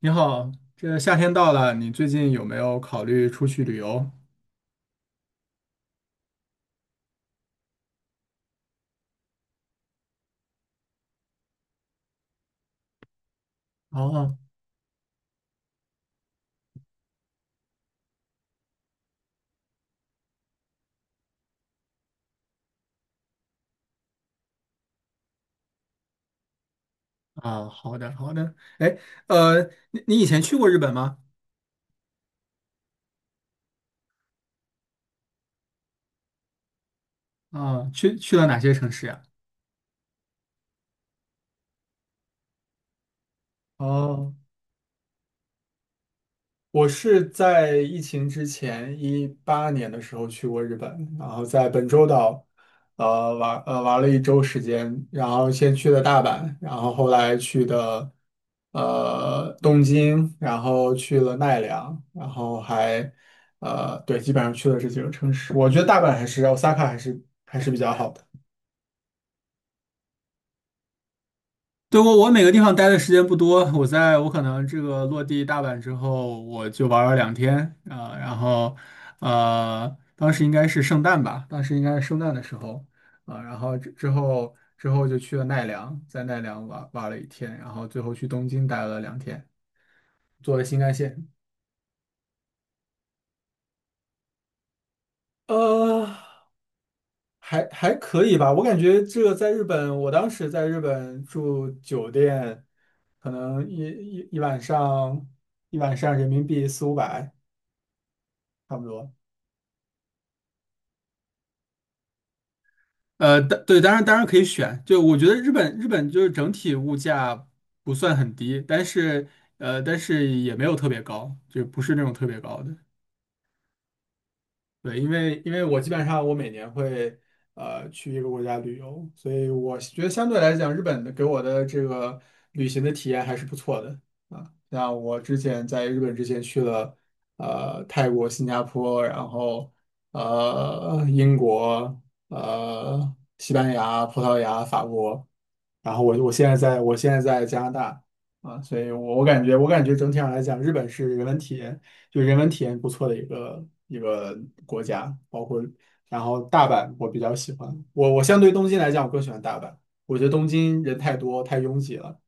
你好，这夏天到了，你最近有没有考虑出去旅游？哦。啊，好的，好的。哎，呃，你以前去过日本吗？啊，去了哪些城市呀？哦，我是在疫情之前18年的时候去过日本，然后在本州岛，玩了一周时间，然后先去的大阪，然后后来去的东京，然后去了奈良，然后对，基本上去了这几个城市。我觉得大阪还是 Osaka 还是比较好的。对，我每个地方待的时间不多，我可能这个落地大阪之后，我就玩了两天。啊、然后当时应该是圣诞吧，当时应该是圣诞的时候。啊、然后之后就去了奈良，在奈良玩了一天，然后最后去东京待了两天，坐了新干线。呃，还可以吧，我感觉这个在日本，我当时在日本住酒店，可能一晚上人民币四五百。差不多。对，当然可以选。就我觉得日本就是整体物价不算很低，但是也没有特别高，就不是那种特别高的。对，因为我基本上我每年会去一个国家旅游，所以我觉得相对来讲，日本的给我的这个旅行的体验还是不错的。啊。像我之前在日本之前去了泰国、新加坡，然后英国、西班牙、葡萄牙、法国，然后我现在在加拿大。啊，所以我感觉整体上来讲，日本是人文体验。就人文体验不错的一个国家，包括然后大阪我比较喜欢，我相对东京来讲，我更喜欢大阪，我觉得东京人太多太拥挤了，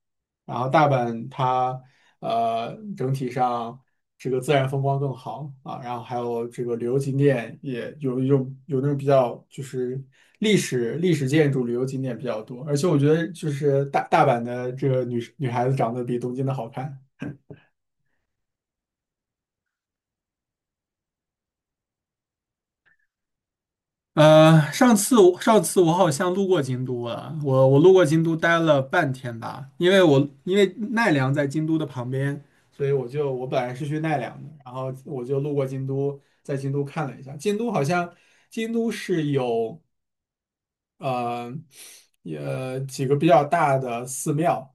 然后大阪它整体上这个自然风光更好啊，然后还有这个旅游景点也有那种比较就是历史建筑旅游景点比较多，而且我觉得就是大阪的这个女孩子长得比东京的好看。上次我好像路过京都了，我路过京都待了半天吧，因为奈良在京都的旁边，所以我本来是去奈良的，然后我就路过京都，在京都看了一下，京都好像京都是有呃也几个比较大的寺庙。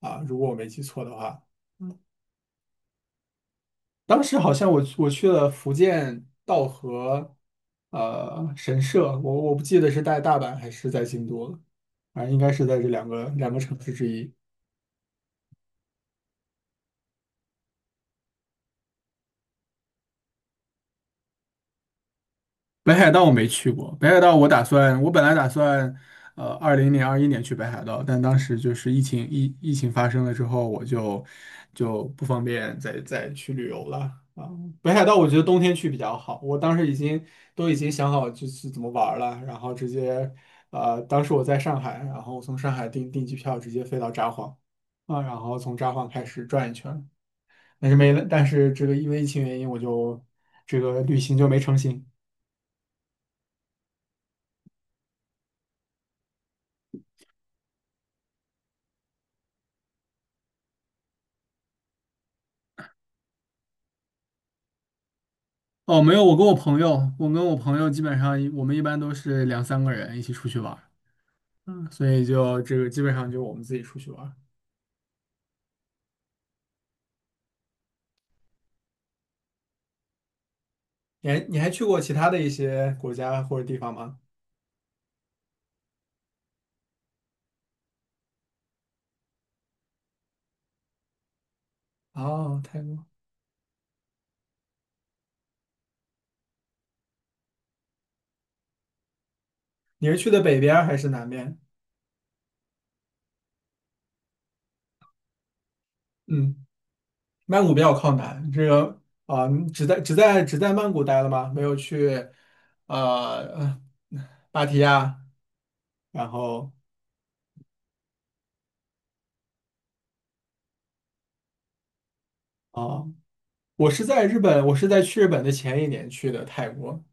啊，如果我没记错的话。当时好像我去了福建道和神社，我不记得是在大阪还是在京都了，反正应该是在这两个城市之一。北海道我没去过，北海道我打算，我本来打算，20年、21年去北海道，但当时就是疫情发生了之后，我就不方便再去旅游了。啊。北海道我觉得冬天去比较好，我当时已经都已经想好就是怎么玩儿了，然后直接，当时我在上海，然后我从上海订机票直接飞到札幌。啊，然后从札幌开始转一圈儿，但是没了，但是这个因为疫情原因，我就这个旅行就没成行。哦，没有，我跟我朋友，我跟我朋友基本上我们一般都是两三个人一起出去玩儿。嗯，所以就这个基本上就我们自己出去玩儿。你还去过其他的一些国家或者地方吗？哦，泰国，你是去的北边儿还是南边？嗯，曼谷比较靠南，这个。啊，你只在曼谷待了吗？没有去，呃，芭提雅，然后哦，啊，我是在日本，我是在去日本的前一年去的泰国，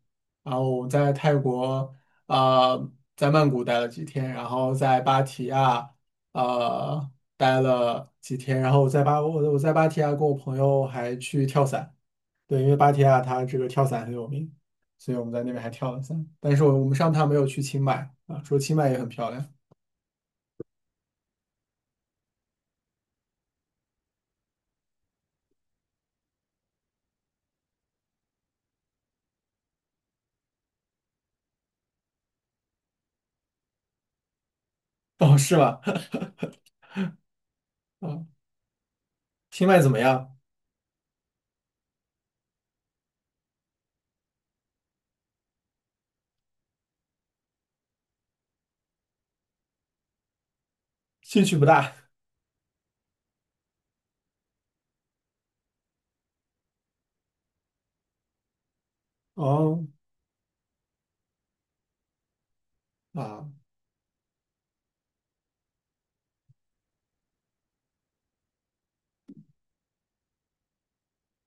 然后我在泰国。啊，在曼谷待了几天，然后在芭提雅呃待了几天，然后我在芭提雅跟我朋友还去跳伞，对，因为芭提雅它这个跳伞很有名，所以我们在那边还跳了伞，但是我们上趟没有去清迈啊，说清迈也很漂亮，哦，是吗？啊，清迈怎么样？兴趣不大。 哦。啊。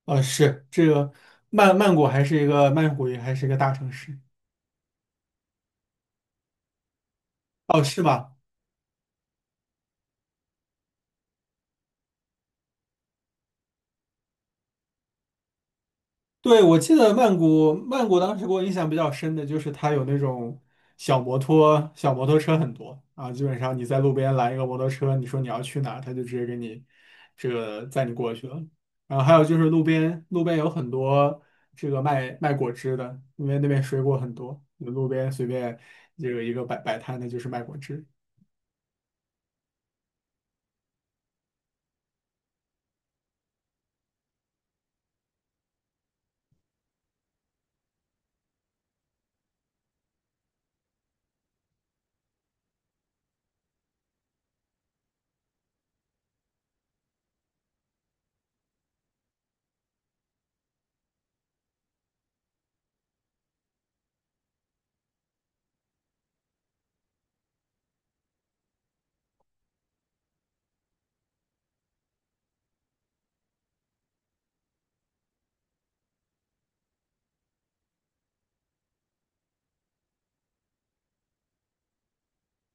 是这个曼谷还是一个大城市。哦，是吧？对，我记得曼谷当时给我印象比较深的就是它有那种小摩托、小摩托车很多啊，基本上你在路边拦一个摩托车，你说你要去哪他就直接给你这个载你过去了。然后还有就是路边有很多这个卖果汁的，因为那边水果很多，你路边随便这个一个摆摊的就是卖果汁。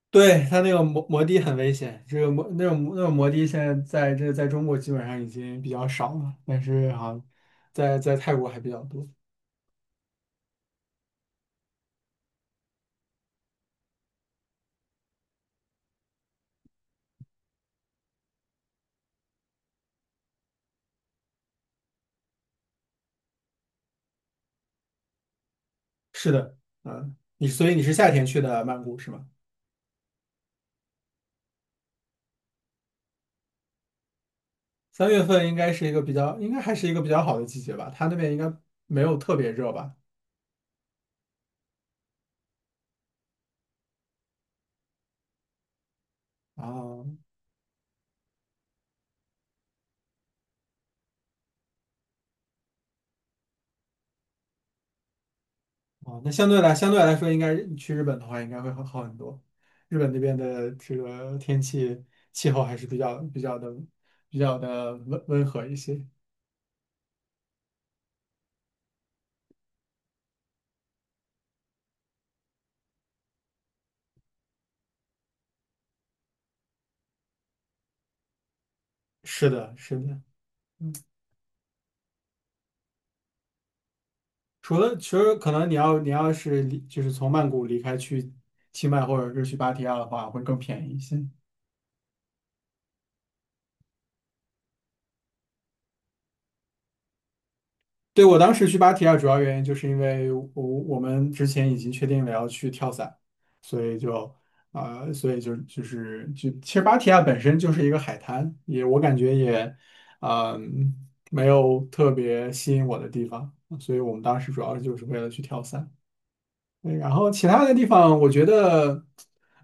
对，它那个摩的很危险，这个摩那种那种摩的现在在中国基本上已经比较少了，但是好像在泰国还比较多。是的。嗯，所以你是夏天去的曼谷是吗？三月份应该是一个比较，应该还是一个比较好的季节吧，它那边应该没有特别热吧？哦哦，那相对来说，应该你去日本的话应该会好很多。日本那边的这个天气气候还是比较的温和一些。是的，是的。除了其实可能你要是离就是从曼谷离开去清迈或者是去芭提雅的话，会更便宜一些。对，我当时去芭提雅主要原因就是因为我们之前已经确定了要去跳伞，所以就啊、呃所以就就是就其实芭提雅本身就是一个海滩，我感觉嗯、没有特别吸引我的地方，所以我们当时主要就是为了去跳伞。嗯，然后其他的地方，我觉得，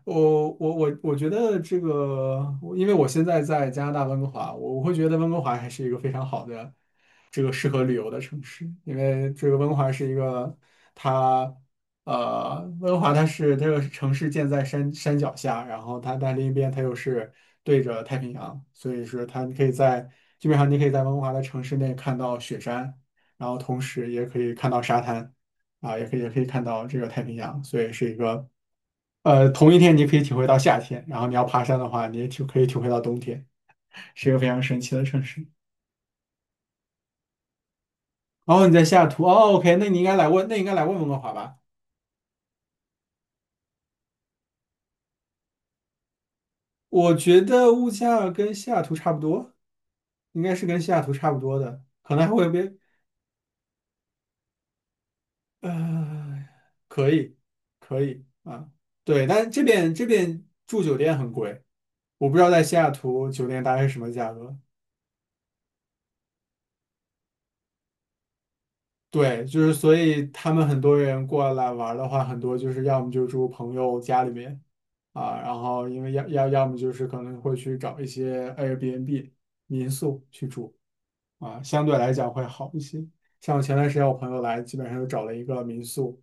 我我我我觉得这个，因为我现在在加拿大温哥华，我会觉得温哥华还是一个非常好的这个适合旅游的城市，因为这个它温哥华它是这个城市建在山脚下，然后它但另一边它又是对着太平洋，所以说它可以在基本上你可以在温哥华的城市内看到雪山，然后同时也可以看到沙滩。啊，也可以看到这个太平洋，所以是一个同一天你可以体会到夏天，然后你要爬山的话，你也可以体会到冬天，是一个非常神奇的城市。然后你在西雅图，哦，OK，那你应该来问，那你应该来问温哥华吧？我觉得物价跟西雅图差不多，应该是跟西雅图差不多的，可能还会被呃，可以，可以啊。对，但这边住酒店很贵，我不知道在西雅图酒店大概是什么价格。对，就是所以他们很多人过来玩儿的话，很多就是要么就住朋友家里面。啊，然后因为要么就是可能会去找一些 Airbnb 民宿去住。啊，相对来讲会好一些。像我前段时间我朋友来，基本上就找了一个民宿。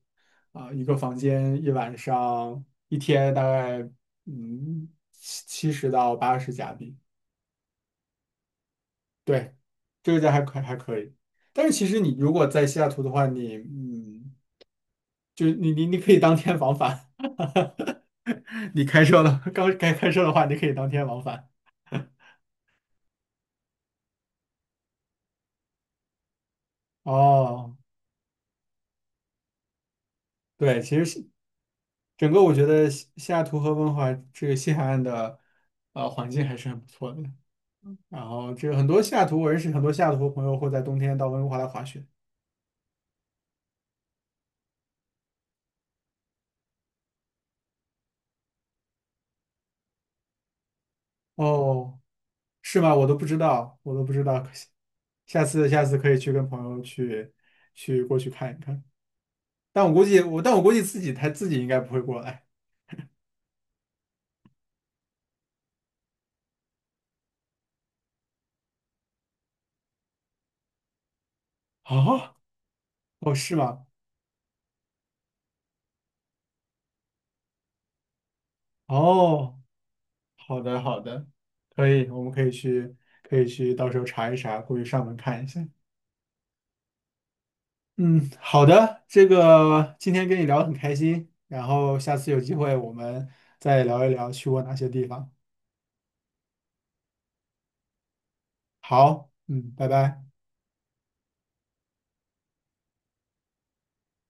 啊，一个房间一晚上一天大概七十到八十加币。对，这个价还可以。但是其实你如果在西雅图的话，就是你可以当天往返。你开车了，刚该开车的话，你可以当天往返。哦，对，其实是整个我觉得西雅图和温哥华这个西海岸的环境还是很不错的。然后这个很多西雅图，我认识很多西雅图朋友会在冬天到温哥华来滑雪。哦，是吗？我都不知道，我都不知道。可惜，下次可以去跟朋友去过去看一看。但我估计他自己应该不会过来。啊，哦，是吗？哦，好的，好的，可以，我们可以去，可以去，到时候查一查，过去上门看一下。嗯，好的，这个今天跟你聊得很开心，然后下次有机会我们再聊一聊去过哪些地方。好，嗯，拜拜。